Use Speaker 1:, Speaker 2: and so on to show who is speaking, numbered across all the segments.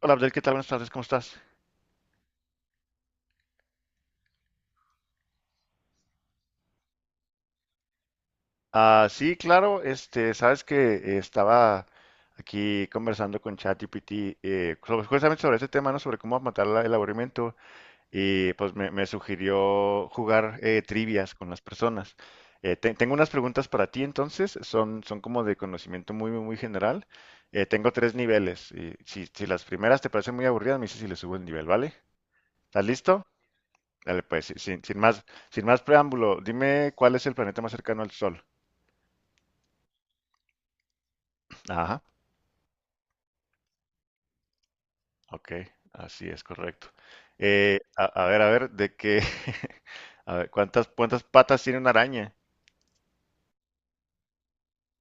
Speaker 1: Hola Abdel, ¿qué tal? Buenas tardes, ¿cómo estás? Ah, sí, claro, sabes que estaba aquí conversando con ChatGPT, justamente sobre este tema, ¿no? Sobre cómo matar el aburrimiento y pues me sugirió jugar trivias con las personas. Tengo unas preguntas para ti entonces, son como de conocimiento muy general. Tengo tres niveles y si las primeras te parecen muy aburridas, me dices si le subo el nivel, ¿vale? ¿Estás listo? Dale, pues, sin más, sin más preámbulo, dime cuál es el planeta más cercano al Sol. Ajá, ok, así es correcto. A ver, a ver, cuántas patas tiene una araña?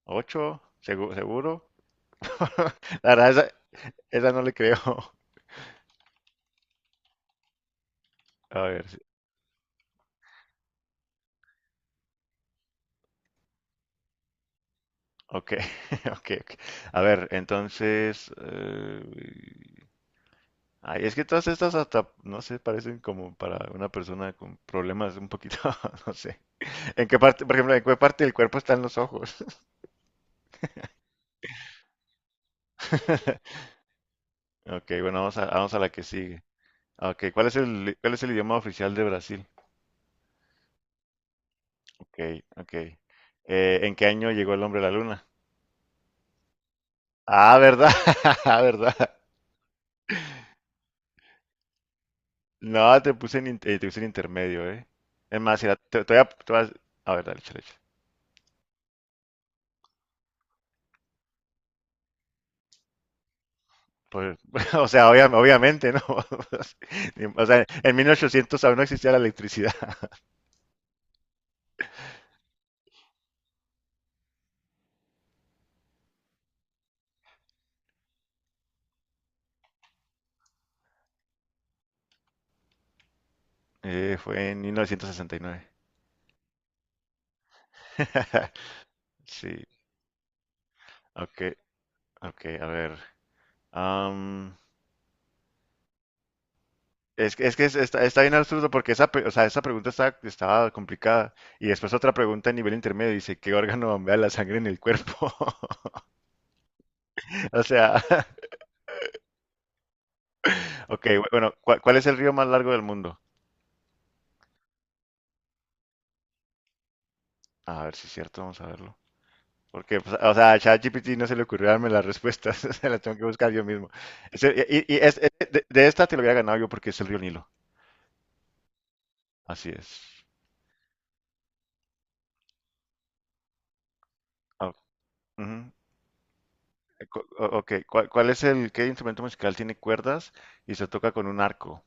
Speaker 1: ¿Ocho? ¿Seguro? La verdad, esa no le creo. A ver, sí, ok, ok, ok. A ver, entonces, ay, es que todas estas hasta, no sé, parecen como para una persona con problemas un poquito, no sé. ¿En qué parte, por ejemplo, en qué parte del cuerpo están los ojos? Ok, bueno, vamos a la que sigue. Ok, ¿cuál es el idioma oficial de Brasil? Ok, ok. ¿En qué año llegó el hombre a la luna? Ah, ¿verdad? Ah, ¿verdad? No, te puse en intermedio, ¿eh? Es más, mira, te voy a ver, dale, échale, échale. Pues, o sea, obviamente, ¿no? O sea, en 1800 aún no existía la electricidad. Fue en 1969. Sí, ok. Ok, a ver. am, está, está bien absurdo porque o sea, estaba complicada. Y después otra pregunta a nivel intermedio dice, ¿qué órgano bombea la sangre en el cuerpo? O sea, ok, bueno, ¿cuál es el río más largo del mundo? A ver si es cierto, vamos a verlo. Porque, pues, o sea, a ChatGPT no se le ocurrió darme las respuestas, se las tengo que buscar yo mismo. Ese- y y- y es- de esta te lo había ganado yo porque es el río Nilo. Así es. Ah, ujú. Ok, ¿qué instrumento musical tiene cuerdas y se toca con un arco?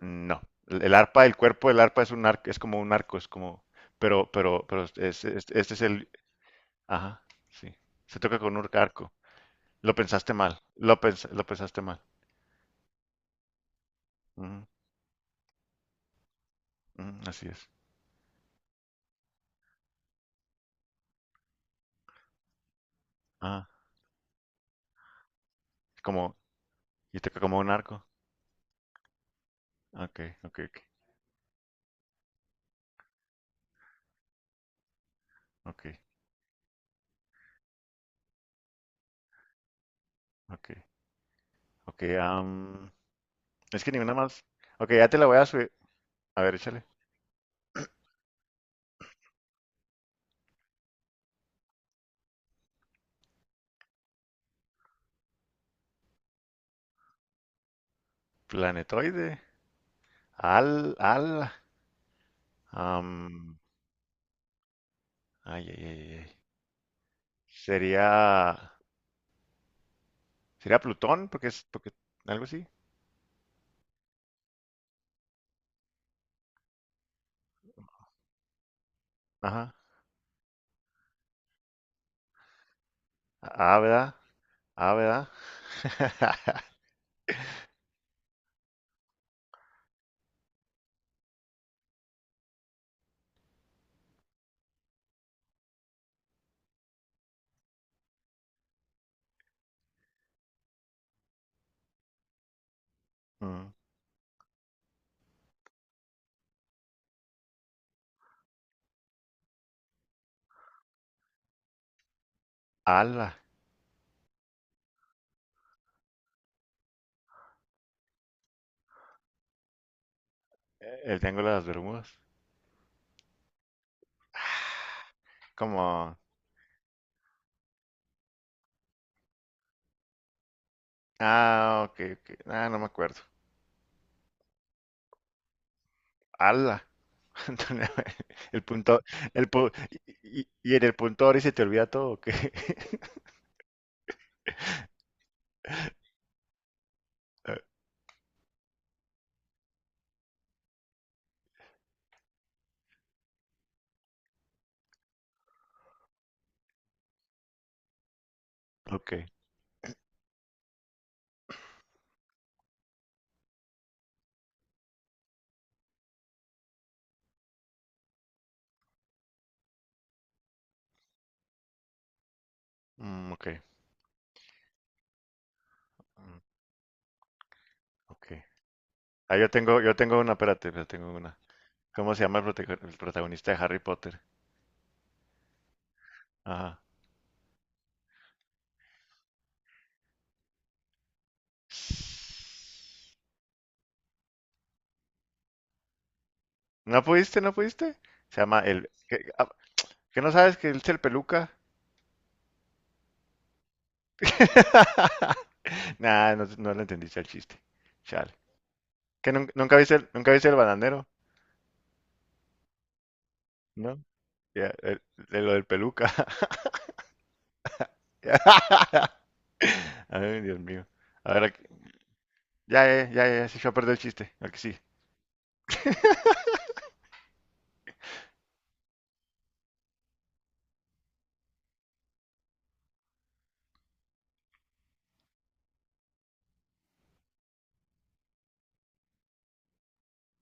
Speaker 1: Mm, no, el arpa, el cuerpo del arpa es un arco, es como un arco, es como, pero este es el, ajá, sí, se toca con un arco. Lo pensaste mal, lo pensaste mal. Ujú, ujú, así es. Ah, como, y toca como un arco. Ok, ok, ok, ok, ok, ok, es que ninguna más. Ok, ya te la voy a subir. A ver, échale. Planetoide. Al, al. Am, ay, ay, ay, ay. Sería, sería Plutón, porque, algo así. Ajá. A, ¿verdad? A, ¿verdad? Mm. Alba. El Triángulo de las Bermudas. Ah, como, ah, ok, ok. Ah, no me acuerdo. Ala. Antonio, el punto, el pu- y, y en el punto ahora se te olvida todo, ¿o qué? Eh, ok, mm, ok, mm, ok. Ah, yo tengo una, espérate, yo tengo una. ¿Cómo se llama el protagonista de Harry Potter? Ajá. ¿No pudiste? ¿No pudiste? Se llama el... ¿Qué, ah, ¿qué no sabes que él es el peluca? Nah, no, no le entendiste el chiste. Chale. ¿Nunca nunca viste el bananero? ¿No? Ya, el- de lo del peluca. Ya. Ay, Dios mío. A ver, aquí- ya, ya, ya, ya, se echó a perder el chiste. Aquí sí.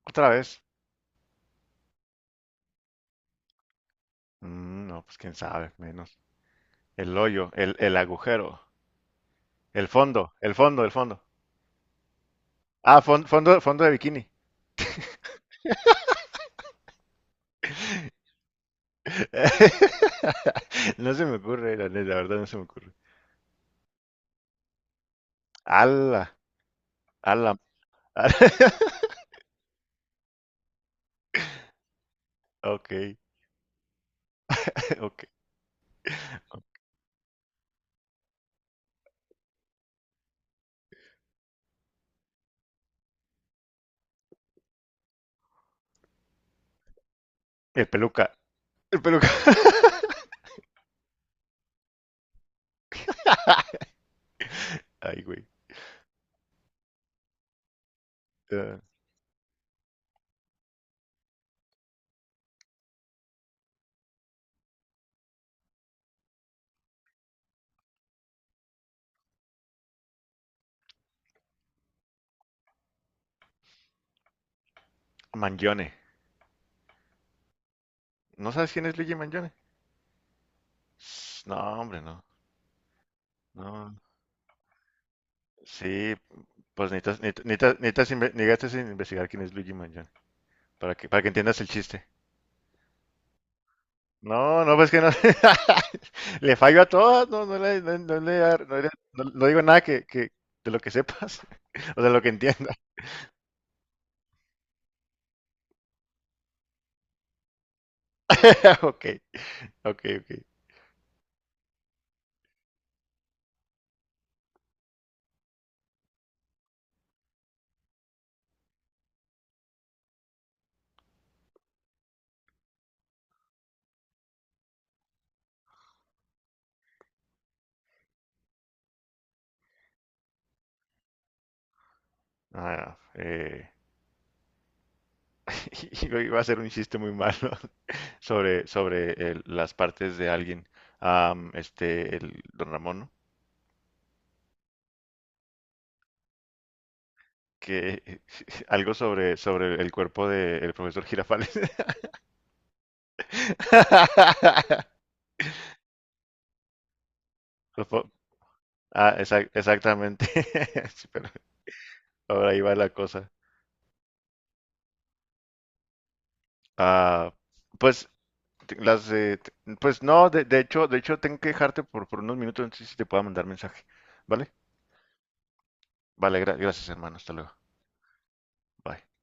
Speaker 1: ¿Otra vez? Mm, no, pues quién sabe, menos. El agujero. El fondo, el fondo, el fondo. Ah, fondo, fondo de bikini. No se me ocurre, la, neta, la verdad no se me ocurre. Ala, ala, ala. Ok, ok. El peluca, el peluca. Ay, güey. Eh, Mangione. ¿No sabes quién es Luigi Mangione? No, hombre, no. No. Sí, pues necesitas necesitas investigar quién es Luigi Mangione para que entiendas el chiste. No, no, pues que no. Le fallo a todas, no, no, le, no, no le- no le- no- no digo nada de lo que sepas o de lo que entiendas. Ok, ok, ok. Ah, iba a hacer un chiste muy malo sobre, las partes de alguien. Am, este, el don Ramón, ¿no? Que algo sobre, sobre el cuerpo del profesor Girafales. Lo po- Ah, exactamente. Sí, pero... ahora ahí va la cosa. Ah, pues te- las de, te- pues no, de hecho tengo que dejarte por unos minutos, entonces si te puedo mandar mensaje. ¿Vale? Vale, gracias, hermano. Hasta luego. Bye.